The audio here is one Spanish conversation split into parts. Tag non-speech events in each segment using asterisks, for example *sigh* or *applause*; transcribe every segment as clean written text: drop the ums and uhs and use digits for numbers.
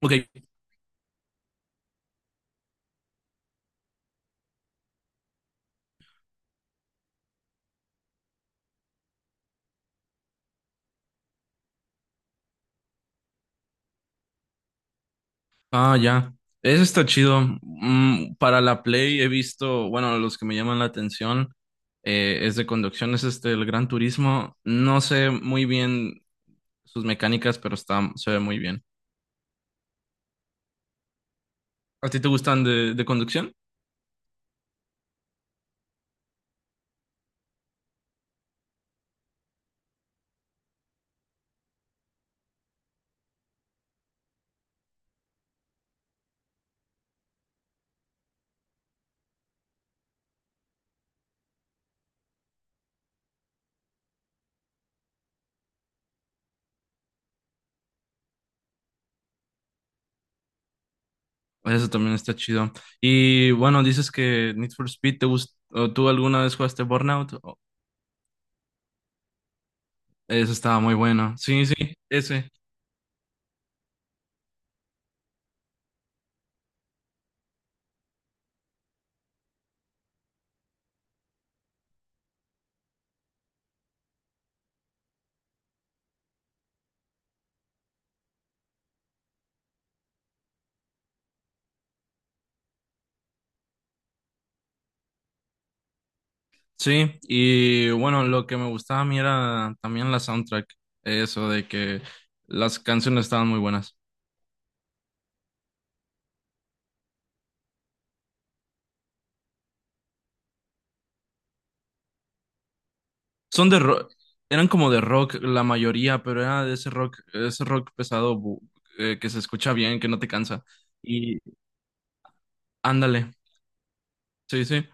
Ok, ah, ya. Eso está chido. Para la Play he visto, bueno, los que me llaman la atención es de conducción, es este, el Gran Turismo. No sé muy bien sus mecánicas, pero está, se ve muy bien. ¿A ti te gustan de conducción? Eso también está chido. Y bueno, dices que Need for Speed te gusta, ¿tú alguna vez jugaste Burnout? Oh, eso estaba muy bueno. Sí, sí, ese. Sí, y bueno, lo que me gustaba a mí era también la soundtrack, eso de que las canciones estaban muy buenas. Son de rock, eran como de rock la mayoría, pero era de ese rock pesado que se escucha bien, que no te cansa. Y ándale, sí, sí,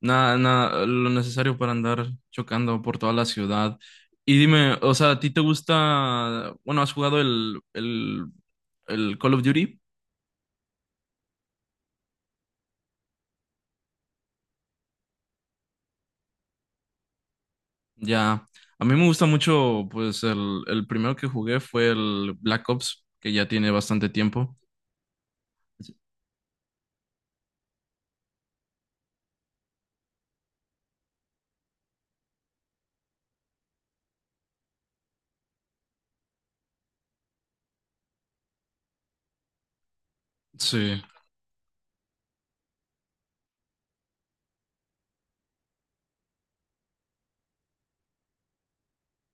nada, nada, lo necesario para andar chocando por toda la ciudad. Y dime, o sea, ¿a ti te gusta, bueno, has jugado el Call of Duty? Ya, a mí me gusta mucho, pues el primero que jugué fue el Black Ops, que ya tiene bastante tiempo. Sí,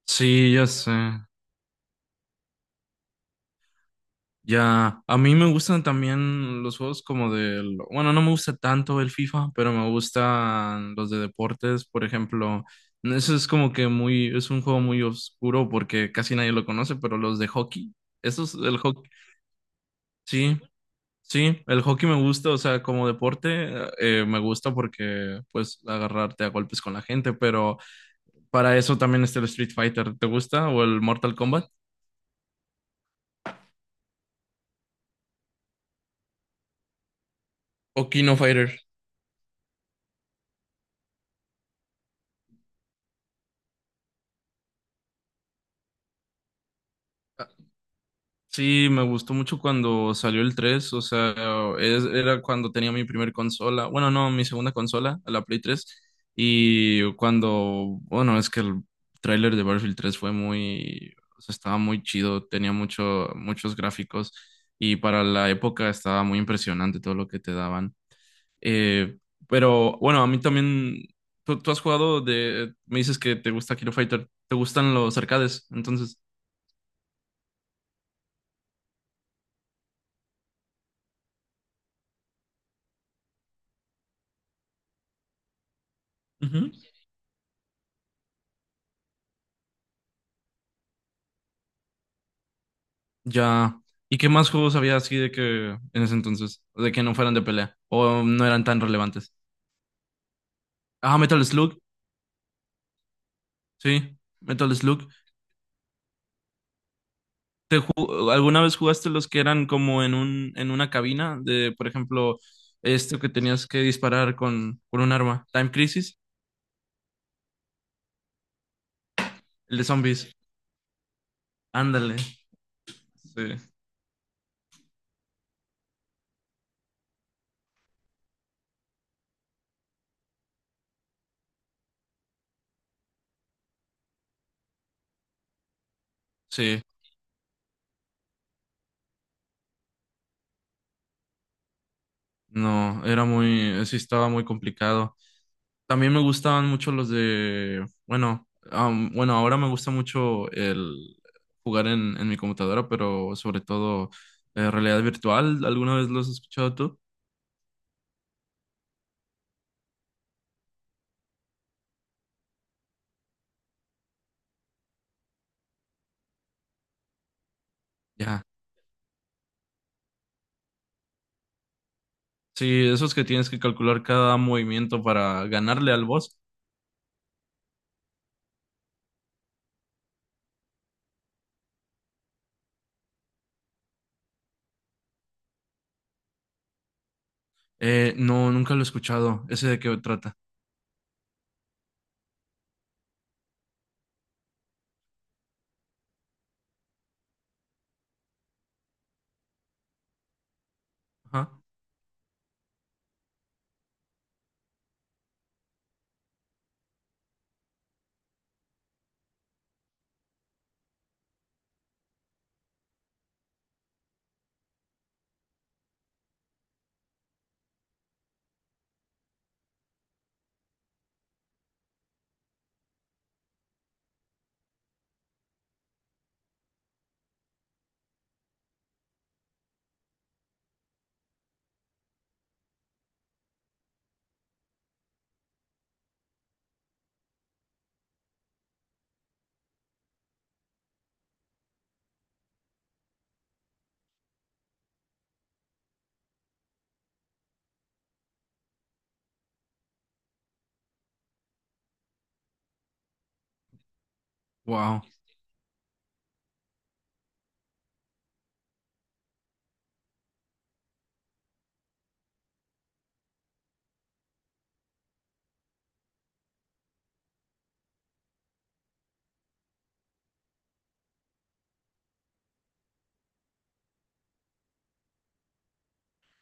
sí, ya sé. Ya, a mí me gustan también los juegos como del, bueno, no me gusta tanto el FIFA, pero me gustan los de deportes, por ejemplo. Eso es como que muy, es un juego muy oscuro porque casi nadie lo conoce, pero los de hockey, esos, el hockey, sí. Sí, el hockey me gusta, o sea, como deporte me gusta porque pues agarrarte a golpes con la gente, pero para eso también está el Street Fighter. ¿Te gusta? ¿O el Mortal Kombat? ¿O Kino Fighter? Sí, me gustó mucho cuando salió el 3, o sea, era cuando tenía mi primer consola, bueno, no, mi segunda consola, la Play 3, y cuando, bueno, es que el tráiler de Battlefield 3 fue muy, o sea, estaba muy chido, tenía muchos gráficos, y para la época estaba muy impresionante todo lo que te daban. Eh, pero, bueno, a mí también, tú has jugado de, me dices que te gusta Kilo Fighter, ¿te gustan los arcades? Entonces... Ya. ¿Y qué más juegos había así de que en ese entonces? De que no fueran de pelea. O no eran tan relevantes. Ah, Metal Slug. Sí, Metal Slug. ¿Alguna vez jugaste los que eran como en una cabina? De, por ejemplo, este que tenías que disparar con un arma. Time Crisis, el de zombies. Ándale. Sí. Sí. No, era muy, sí estaba muy complicado. También me gustaban mucho los de, bueno, bueno, ahora me gusta mucho el jugar en mi computadora, pero sobre todo realidad virtual. ¿Alguna vez los has escuchado tú? Ya. Sí, esos que tienes que calcular cada movimiento para ganarle al boss. No, nunca lo he escuchado. ¿Ese de qué trata? Ajá. Wow.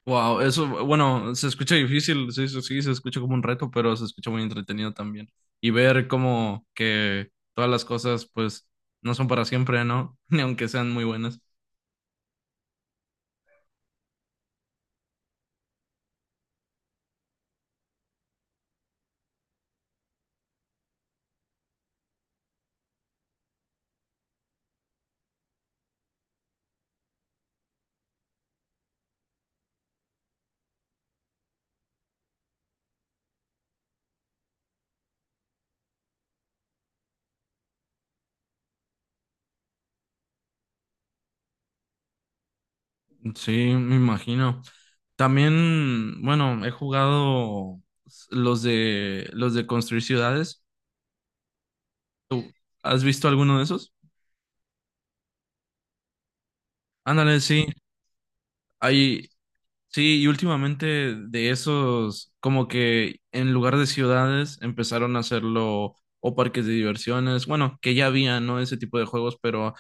Wow, eso, bueno, se escucha difícil, sí, sí, sí, se escucha como un reto, pero se escucha muy entretenido también. Y ver como que todas las cosas, pues, no son para siempre, ¿no? *laughs* Ni aunque sean muy buenas. Sí, me imagino. También, bueno, he jugado los de construir ciudades. ¿Tú has visto alguno de esos? Ándale, sí. Hay, sí, y últimamente de esos, como que en lugar de ciudades empezaron a hacerlo o parques de diversiones, bueno, que ya había, ¿no? Ese tipo de juegos, pero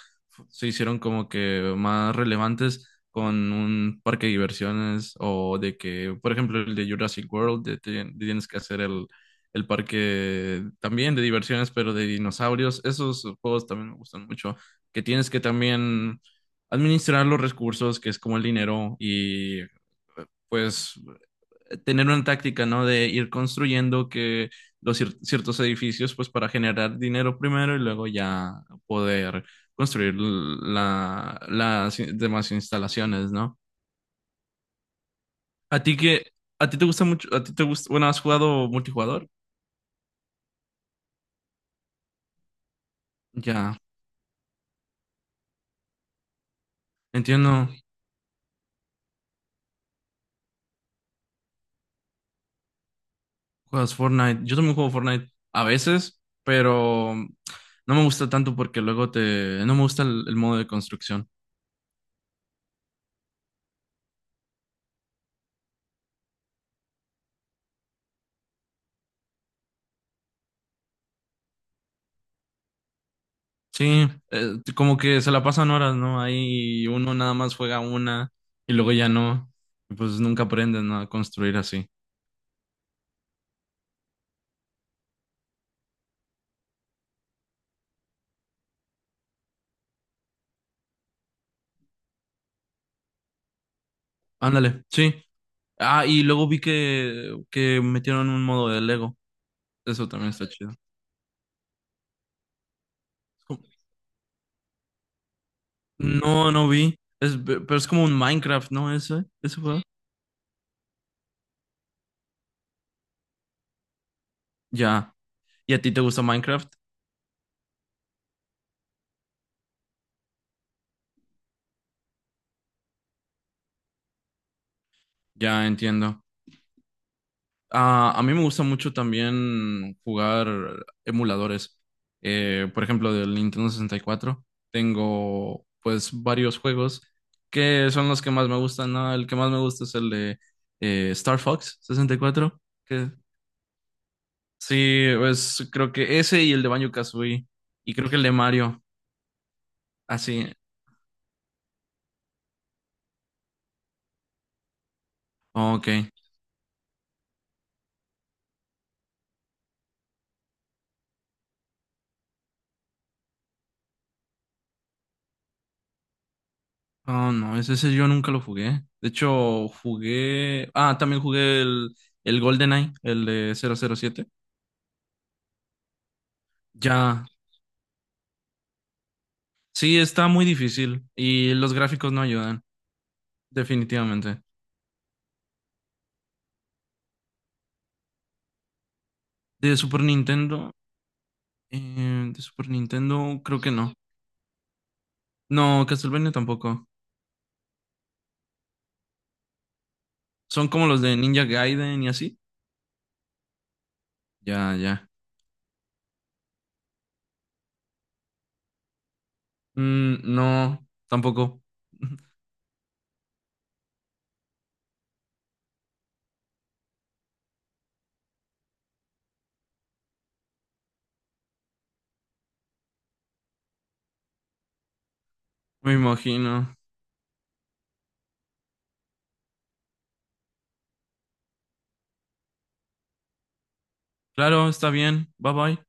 se hicieron como que más relevantes con un parque de diversiones o de que, por ejemplo, el de Jurassic World, de tienes que hacer el parque también de diversiones, pero de dinosaurios. Esos juegos también me gustan mucho, que tienes que también administrar los recursos, que es como el dinero y pues tener una táctica, ¿no? De ir construyendo que los ciertos edificios, pues para generar dinero primero y luego ya poder construir las demás instalaciones, ¿no? A ti que, a ti te gusta mucho, a ti te gusta, bueno, ¿has jugado multijugador? Ya, entiendo, juegas Fortnite, yo también juego Fortnite a veces, pero no me gusta tanto porque no me gusta el modo de construcción. Sí, como que se la pasan horas, ¿no? Ahí uno nada más juega una y luego ya no. Y pues nunca aprenden a construir así. Ándale, sí. Ah, y luego vi que metieron un modo de Lego. Eso también está chido. No, no vi. Es, pero es como un Minecraft, ¿no? Ese juego. Ya. ¿Y a ti te gusta Minecraft? Ya entiendo. Ah, a mí me gusta mucho también jugar emuladores. Por ejemplo, del Nintendo 64 tengo pues varios juegos que son los que más me gustan, ¿no? El que más me gusta es el de Star Fox 64 que sí, pues creo que ese y el de Banjo-Kazooie y creo que el de Mario, así. Ok. Oh, no, ese yo nunca lo jugué. De hecho, jugué... Ah, también jugué el GoldenEye, el de 007. Ya, sí, está muy difícil y los gráficos no ayudan, definitivamente. De Super Nintendo, de Super Nintendo creo que no. No, Castlevania tampoco. Son como los de Ninja Gaiden y así. Ya, ya. Mm, no, tampoco. *laughs* Me imagino. Claro, está bien. Bye bye.